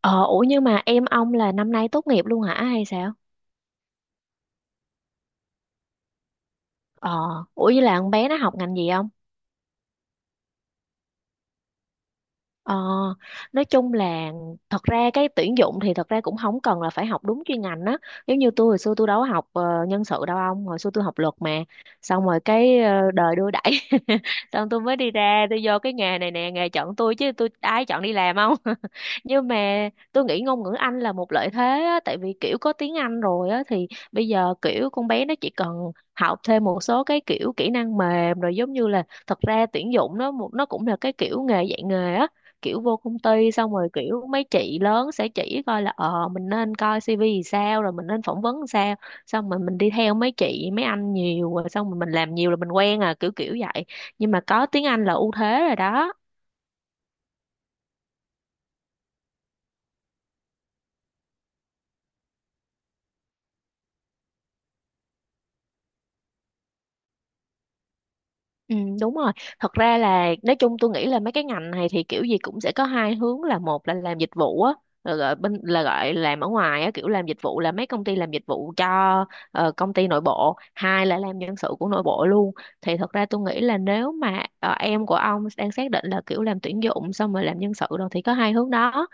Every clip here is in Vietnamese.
Ờ, ủa nhưng mà em ông là năm nay tốt nghiệp luôn hả hay sao? Ờ, ủa như là con bé nó học ngành gì không? Ờ, nói chung là thật ra cái tuyển dụng thì thật ra cũng không cần là phải học đúng chuyên ngành á, giống như tôi hồi xưa tôi đâu có học nhân sự đâu ông, hồi xưa tôi học luật mà. Xong rồi cái đời đưa đẩy xong tôi mới đi ra tôi vô cái nghề này nè, nghề chọn tôi chứ tôi ai chọn đi làm không. Nhưng mà tôi nghĩ ngôn ngữ Anh là một lợi thế á, tại vì kiểu có tiếng Anh rồi á thì bây giờ kiểu con bé nó chỉ cần học thêm một số cái kiểu kỹ năng mềm rồi, giống như là thật ra tuyển dụng nó cũng là cái kiểu nghề dạy nghề á. Kiểu vô công ty xong rồi kiểu mấy chị lớn sẽ chỉ coi là mình nên coi CV thì sao rồi mình nên phỏng vấn sao, xong rồi mình đi theo mấy chị mấy anh nhiều rồi xong rồi mình làm nhiều là mình quen à, kiểu kiểu vậy. Nhưng mà có tiếng Anh là ưu thế rồi đó. Ừ, đúng rồi. Thật ra là nói chung tôi nghĩ là mấy cái ngành này thì kiểu gì cũng sẽ có hai hướng, là một là làm dịch vụ á, là gọi bên là gọi làm ở ngoài á, kiểu làm dịch vụ là mấy công ty làm dịch vụ cho công ty nội bộ. Hai là làm nhân sự của nội bộ luôn. Thì thật ra tôi nghĩ là nếu mà em của ông đang xác định là kiểu làm tuyển dụng xong rồi làm nhân sự rồi thì có hai hướng đó.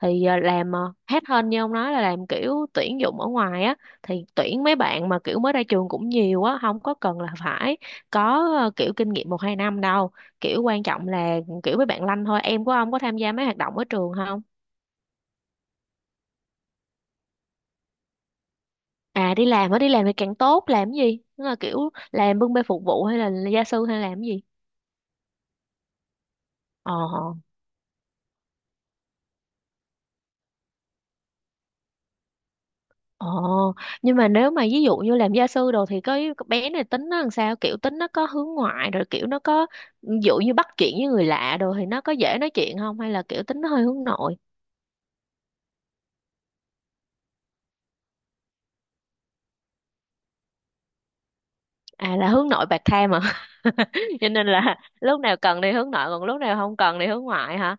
Thì làm headhunt như ông nói là làm kiểu tuyển dụng ở ngoài á, thì tuyển mấy bạn mà kiểu mới ra trường cũng nhiều á, không có cần là phải có kiểu kinh nghiệm một hai năm đâu. Kiểu quan trọng là kiểu với bạn Lanh thôi, em của ông có tham gia mấy hoạt động ở trường không? À đi làm á, đi làm thì càng tốt, làm cái gì, tức là kiểu làm bưng bê phục vụ hay là gia sư hay làm cái gì? Ờ. Ờ. Nhưng mà nếu mà ví dụ như làm gia sư đồ thì cái bé này tính nó làm sao, kiểu tính nó có hướng ngoại rồi kiểu nó có ví dụ như bắt chuyện với người lạ đồ thì nó có dễ nói chuyện không, hay là kiểu tính nó hơi hướng nội? À là hướng nội bạc tham à. Cho nên là lúc nào cần đi hướng nội còn lúc nào không cần đi hướng ngoại hả?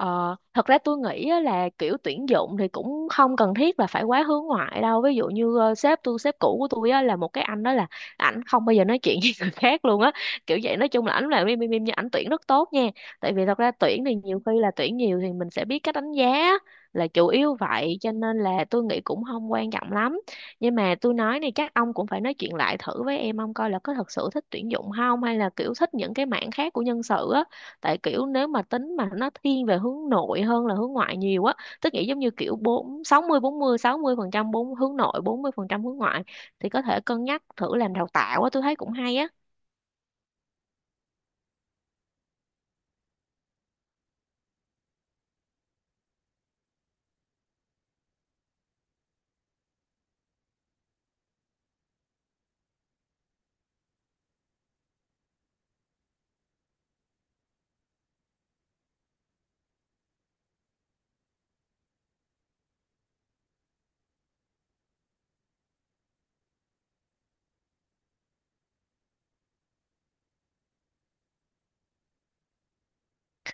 Ờ, Thật ra tôi nghĩ á là kiểu tuyển dụng thì cũng không cần thiết là phải quá hướng ngoại đâu. Ví dụ như sếp tôi, sếp cũ của tôi á, là một cái anh đó là ảnh không bao giờ nói chuyện với người khác luôn á. Kiểu vậy, nói chung là ảnh làm im im im nhưng ảnh tuyển rất tốt nha. Tại vì thật ra tuyển thì nhiều khi là tuyển nhiều thì mình sẽ biết cách đánh giá là chủ yếu vậy, cho nên là tôi nghĩ cũng không quan trọng lắm. Nhưng mà tôi nói này chắc ông cũng phải nói chuyện lại thử với em ông coi là có thật sự thích tuyển dụng không, hay là kiểu thích những cái mảng khác của nhân sự á. Tại kiểu nếu mà tính mà nó thiên về hướng nội hơn là hướng ngoại nhiều á, tức nghĩa giống như kiểu bốn sáu mươi bốn mươi sáu mươi phần trăm, bốn hướng nội bốn mươi phần trăm hướng ngoại, thì có thể cân nhắc thử làm đào tạo á, tôi thấy cũng hay á.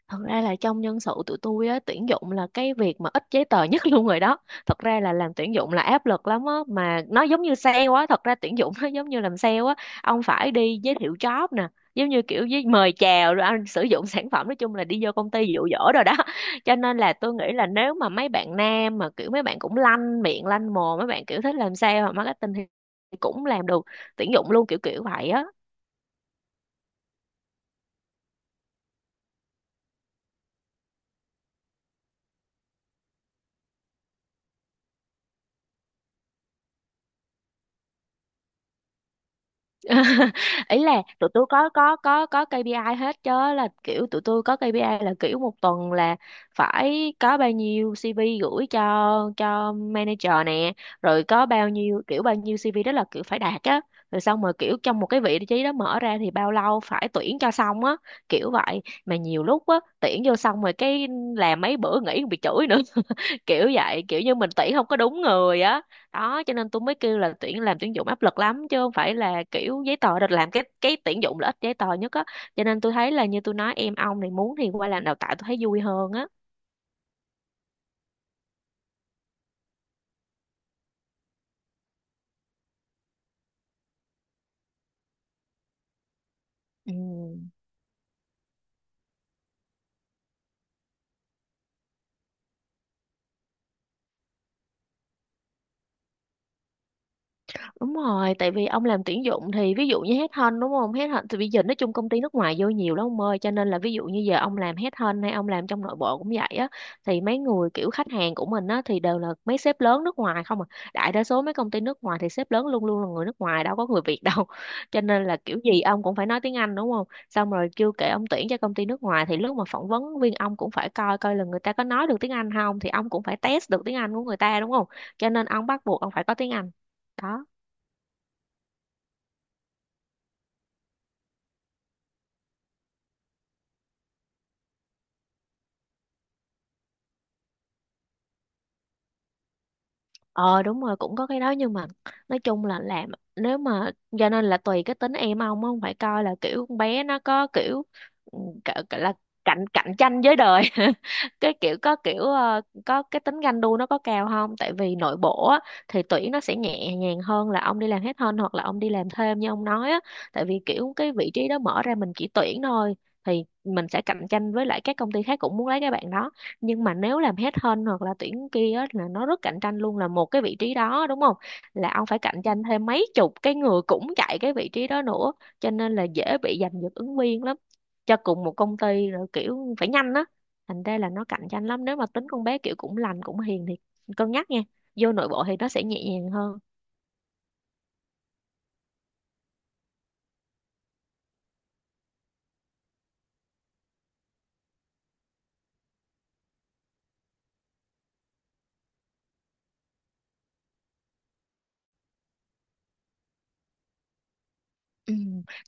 Thật ra là trong nhân sự tụi tôi á, tuyển dụng là cái việc mà ít giấy tờ nhất luôn rồi đó. Thật ra là làm tuyển dụng là áp lực lắm á, mà nó giống như sale á, thật ra tuyển dụng nó giống như làm sale á. Ông phải đi giới thiệu job nè, giống như kiểu với mời chào rồi anh sử dụng sản phẩm, nói chung là đi vô công ty dụ dỗ rồi đó. Cho nên là tôi nghĩ là nếu mà mấy bạn nam mà kiểu mấy bạn cũng lanh miệng lanh mồm, mấy bạn kiểu thích làm sale hoặc marketing thì cũng làm được tuyển dụng luôn, kiểu kiểu vậy á. Ý là tụi tôi có KPI hết chứ, là kiểu tụi tôi có KPI là kiểu một tuần là phải có bao nhiêu CV gửi cho manager nè, rồi có bao nhiêu kiểu bao nhiêu CV đó là kiểu phải đạt á, rồi xong rồi kiểu trong một cái vị trí đó mở ra thì bao lâu phải tuyển cho xong á, kiểu vậy. Mà nhiều lúc á tuyển vô xong rồi cái làm mấy bữa nghỉ còn bị chửi nữa, kiểu vậy, kiểu như mình tuyển không có đúng người á. Đó cho nên tôi mới kêu là tuyển làm tuyển dụng áp lực lắm chứ không phải là kiểu giấy tờ, được làm cái tuyển dụng là ít giấy tờ nhất á. Cho nên tôi thấy là như tôi nói, em ông này muốn thì qua làm đào tạo tôi thấy vui hơn á. Ừ. Đúng rồi, tại vì ông làm tuyển dụng thì ví dụ như headhunt đúng không? Headhunt thì bây giờ nói chung công ty nước ngoài vô nhiều lắm ông ơi, cho nên là ví dụ như giờ ông làm headhunt hay ông làm trong nội bộ cũng vậy á, thì mấy người kiểu khách hàng của mình á thì đều là mấy sếp lớn nước ngoài không à. Đại đa số mấy công ty nước ngoài thì sếp lớn luôn luôn là người nước ngoài, đâu có người Việt đâu. Cho nên là kiểu gì ông cũng phải nói tiếng Anh đúng không? Xong rồi chưa kể ông tuyển cho công ty nước ngoài thì lúc mà phỏng vấn viên ông cũng phải coi coi là người ta có nói được tiếng Anh không, thì ông cũng phải test được tiếng Anh của người ta đúng không? Cho nên ông bắt buộc ông phải có tiếng Anh. Đó. Ờ đúng rồi, cũng có cái đó nhưng mà nói chung là làm, nếu mà, cho nên là tùy cái tính em ông á, không phải coi là kiểu con bé nó có kiểu, ừ, cả- cả là cạnh cạnh tranh với đời cái kiểu có kiểu có cái tính ganh đua nó có cao không, tại vì nội bộ á, thì tuyển nó sẽ nhẹ nhàng hơn là ông đi làm hết hơn hoặc là ông đi làm thêm như ông nói á. Tại vì kiểu cái vị trí đó mở ra mình chỉ tuyển thôi thì mình sẽ cạnh tranh với lại các công ty khác cũng muốn lấy cái bạn đó, nhưng mà nếu làm headhunt hoặc là tuyển kia á, là nó rất cạnh tranh luôn, là một cái vị trí đó đúng không, là ông phải cạnh tranh thêm mấy chục cái người cũng chạy cái vị trí đó nữa, cho nên là dễ bị giành giật ứng viên lắm cho cùng một công ty, rồi kiểu phải nhanh á. Thành ra là nó cạnh tranh lắm, nếu mà tính con bé kiểu cũng lành cũng hiền thì cân nhắc nha, vô nội bộ thì nó sẽ nhẹ nhàng hơn. Ừ.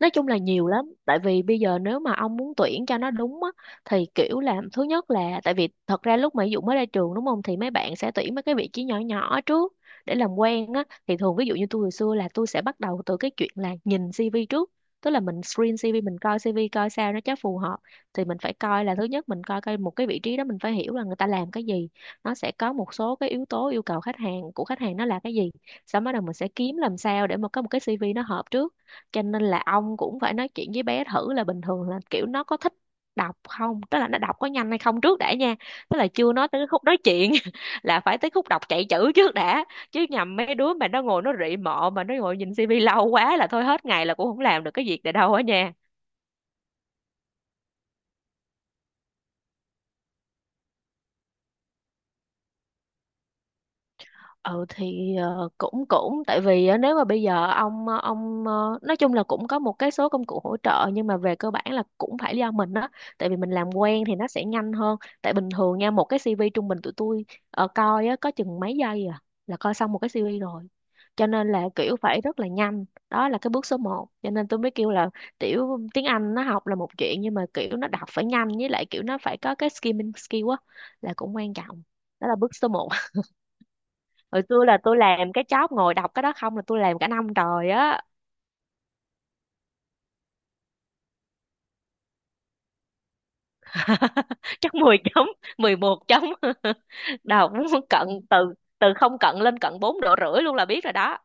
Nói chung là nhiều lắm tại vì bây giờ nếu mà ông muốn tuyển cho nó đúng á thì kiểu là thứ nhất là tại vì thật ra lúc mà ví dụ mới ra trường đúng không thì mấy bạn sẽ tuyển mấy cái vị trí nhỏ nhỏ trước để làm quen á thì thường ví dụ như tôi hồi xưa là tôi sẽ bắt đầu từ cái chuyện là nhìn CV trước, tức là mình screen CV, mình coi CV coi sao nó chắc phù hợp. Thì mình phải coi là thứ nhất mình coi coi một cái vị trí đó mình phải hiểu là người ta làm cái gì, nó sẽ có một số cái yếu tố yêu cầu khách hàng của khách hàng nó là cái gì, sau đó đầu mình sẽ kiếm làm sao để mà có một cái CV nó hợp trước. Cho nên là ông cũng phải nói chuyện với bé thử là bình thường là kiểu nó có thích đọc không, tức là nó đọc có nhanh hay không trước đã nha. Tức là chưa nói tới cái khúc nói chuyện là phải tới khúc đọc chạy chữ trước đã, chứ nhầm mấy đứa mà nó ngồi nó rị mọ mà nó ngồi nhìn tivi lâu quá là thôi hết ngày là cũng không làm được cái việc này đâu á nha. Ừ thì cũng cũng tại vì á, nếu mà bây giờ ông ông nói chung là cũng có một cái số công cụ hỗ trợ nhưng mà về cơ bản là cũng phải do mình đó. Tại vì mình làm quen thì nó sẽ nhanh hơn. Tại bình thường nha một cái CV trung bình tụi tôi coi á có chừng mấy giây à là coi xong một cái CV rồi, cho nên là kiểu phải rất là nhanh. Đó là cái bước số một, cho nên tôi mới kêu là tiểu tiếng Anh nó học là một chuyện nhưng mà kiểu nó đọc phải nhanh, với lại kiểu nó phải có cái skimming skill á, là cũng quan trọng. Đó là bước số một. Hồi xưa là tôi làm cái job ngồi đọc cái đó không là tôi làm cả năm trời á. Chắc 10 chấm, 11 chấm. Đọc cận từ từ không cận lên cận bốn độ rưỡi luôn là biết rồi đó.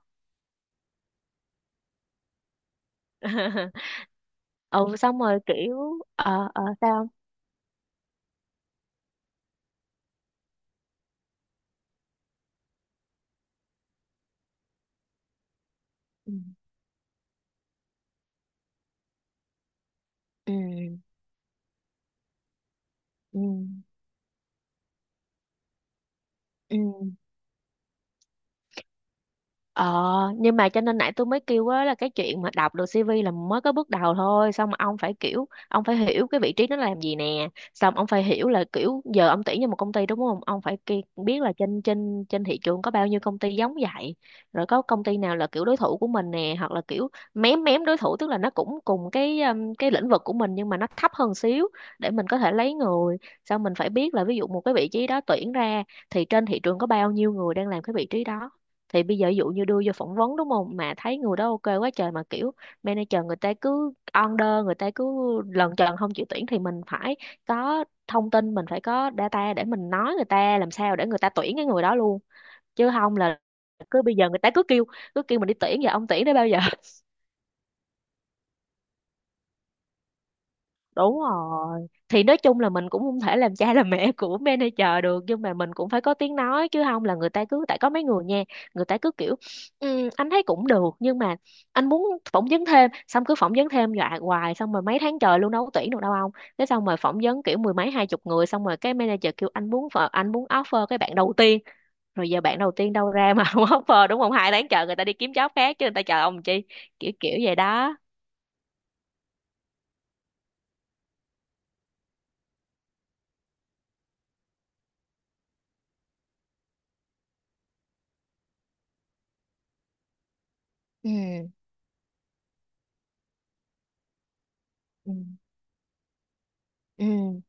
Ừ xong rồi kiểu sao. Không. Ừ ừ ừ ừ. Ờ, nhưng mà cho nên nãy tôi mới kêu á là cái chuyện mà đọc được CV là mới có bước đầu thôi, xong mà ông phải kiểu ông phải hiểu cái vị trí nó làm gì nè, xong ông phải hiểu là kiểu giờ ông tuyển cho một công ty đúng không? Ông phải biết là trên trên trên thị trường có bao nhiêu công ty giống vậy, rồi có công ty nào là kiểu đối thủ của mình nè, hoặc là kiểu mém mém đối thủ, tức là nó cũng cùng cái lĩnh vực của mình nhưng mà nó thấp hơn xíu để mình có thể lấy người. Xong mình phải biết là ví dụ một cái vị trí đó tuyển ra thì trên thị trường có bao nhiêu người đang làm cái vị trí đó, thì bây giờ ví dụ như đưa vô phỏng vấn đúng không mà thấy người đó ok quá trời mà kiểu manager người ta cứ under người ta cứ lần trần không chịu tuyển thì mình phải có thông tin, mình phải có data để mình nói người ta làm sao để người ta tuyển cái người đó luôn. Chứ không là cứ bây giờ người ta cứ kêu mình đi tuyển và ông tuyển đến bao giờ. Đúng rồi. Thì nói chung là mình cũng không thể làm cha làm mẹ của manager được nhưng mà mình cũng phải có tiếng nói, chứ không là người ta cứ tại có mấy người nha, người ta cứ kiểu "Ừ, anh thấy cũng được nhưng mà anh muốn phỏng vấn thêm", xong cứ phỏng vấn thêm dọa hoài xong rồi mấy tháng trời luôn đâu có tuyển được đâu ông. Thế xong rồi phỏng vấn kiểu mười mấy hai chục người xong rồi cái manager kêu anh muốn anh muốn offer cái bạn đầu tiên, rồi giờ bạn đầu tiên đâu ra mà không offer đúng không? Hai tháng chờ người ta đi kiếm job khác chứ người ta chờ ông chi. Kiểu kiểu vậy đó. Ừ. Ừ. Ừ.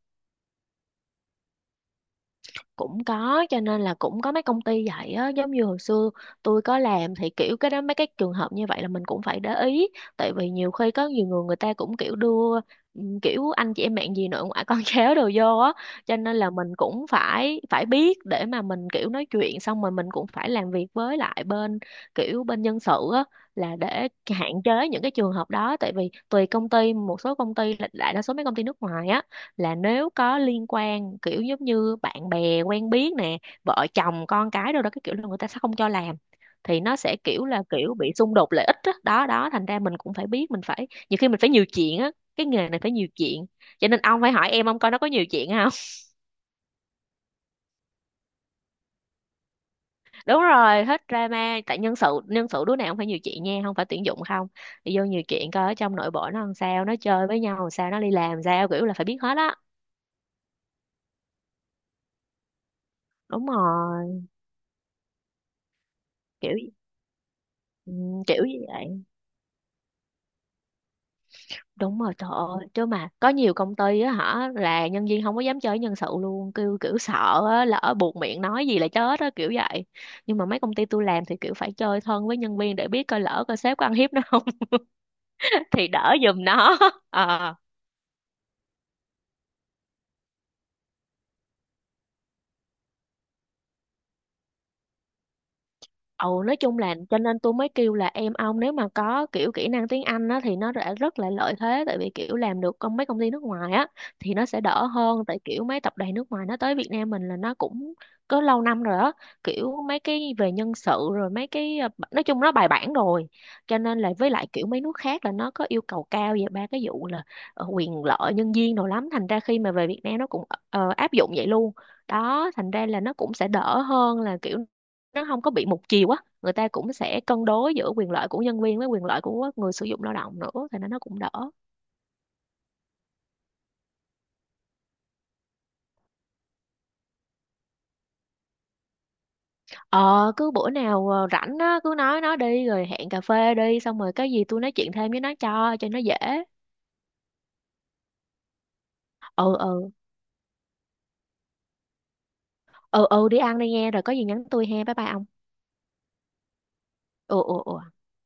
Cũng có, cho nên là cũng có mấy công ty vậy á. Giống như hồi xưa tôi có làm thì kiểu cái đó mấy cái trường hợp như vậy là mình cũng phải để ý, tại vì nhiều khi có nhiều người người ta cũng kiểu đưa kiểu anh chị em bạn gì nội ngoại con cháu đồ vô á. Cho nên là mình cũng phải phải biết để mà mình kiểu nói chuyện, xong rồi mình cũng phải làm việc với lại bên kiểu bên nhân sự á là để hạn chế những cái trường hợp đó. Tại vì tùy công ty, một số công ty là đại đa số mấy công ty nước ngoài á, là nếu có liên quan kiểu giống như bạn bè quen biết nè, vợ chồng con cái đâu đó, cái kiểu là người ta sẽ không cho làm. Thì nó sẽ kiểu là kiểu bị xung đột lợi ích đó đó, đó. Thành ra mình cũng phải biết, mình phải nhiều khi mình phải nhiều chuyện á. Cái nghề này phải nhiều chuyện, cho nên ông phải hỏi em ông coi nó có nhiều chuyện không. Đúng rồi, hết drama. Tại nhân sự, đứa nào cũng phải nhiều chuyện nha, không phải tuyển dụng không. Đi vô nhiều chuyện coi ở trong nội bộ nó làm sao, nó chơi với nhau làm sao, nó đi làm sao, kiểu là phải biết hết á. Đúng rồi. Kiểu ừ, kiểu gì vậy? Đúng rồi, trời ơi. Chứ mà có nhiều công ty á hả là nhân viên không có dám chơi với nhân sự luôn, kêu kiểu sợ á, lỡ buột miệng nói gì là chết á, kiểu vậy. Nhưng mà mấy công ty tôi làm thì kiểu phải chơi thân với nhân viên để biết coi lỡ coi sếp có ăn hiếp nó không, thì đỡ giùm nó. Ờ. Ừ, nói chung là cho nên tôi mới kêu là em ông nếu mà có kiểu kỹ năng tiếng Anh á, thì nó đã rất là lợi thế, tại vì kiểu làm được công mấy công ty nước ngoài á thì nó sẽ đỡ hơn. Tại kiểu mấy tập đoàn nước ngoài nó tới Việt Nam mình là nó cũng có lâu năm rồi á, kiểu mấy cái về nhân sự rồi mấy cái nói chung nó bài bản rồi. Cho nên là với lại kiểu mấy nước khác là nó có yêu cầu cao về ba cái vụ là quyền lợi nhân viên đồ lắm, thành ra khi mà về Việt Nam nó cũng áp dụng vậy luôn đó. Thành ra là nó cũng sẽ đỡ hơn, là kiểu nó không có bị một chiều á, người ta cũng sẽ cân đối giữa quyền lợi của nhân viên với quyền lợi của người sử dụng lao động nữa thì nó cũng đỡ. Ờ cứ bữa nào rảnh á cứ nói nó đi rồi hẹn cà phê đi xong rồi cái gì tôi nói chuyện thêm với nó cho nó dễ. Ừ ừ ừ ừ. Đi ăn đi nghe, rồi có gì nhắn tôi he. Bye bye ông. Ừ ừ ừ.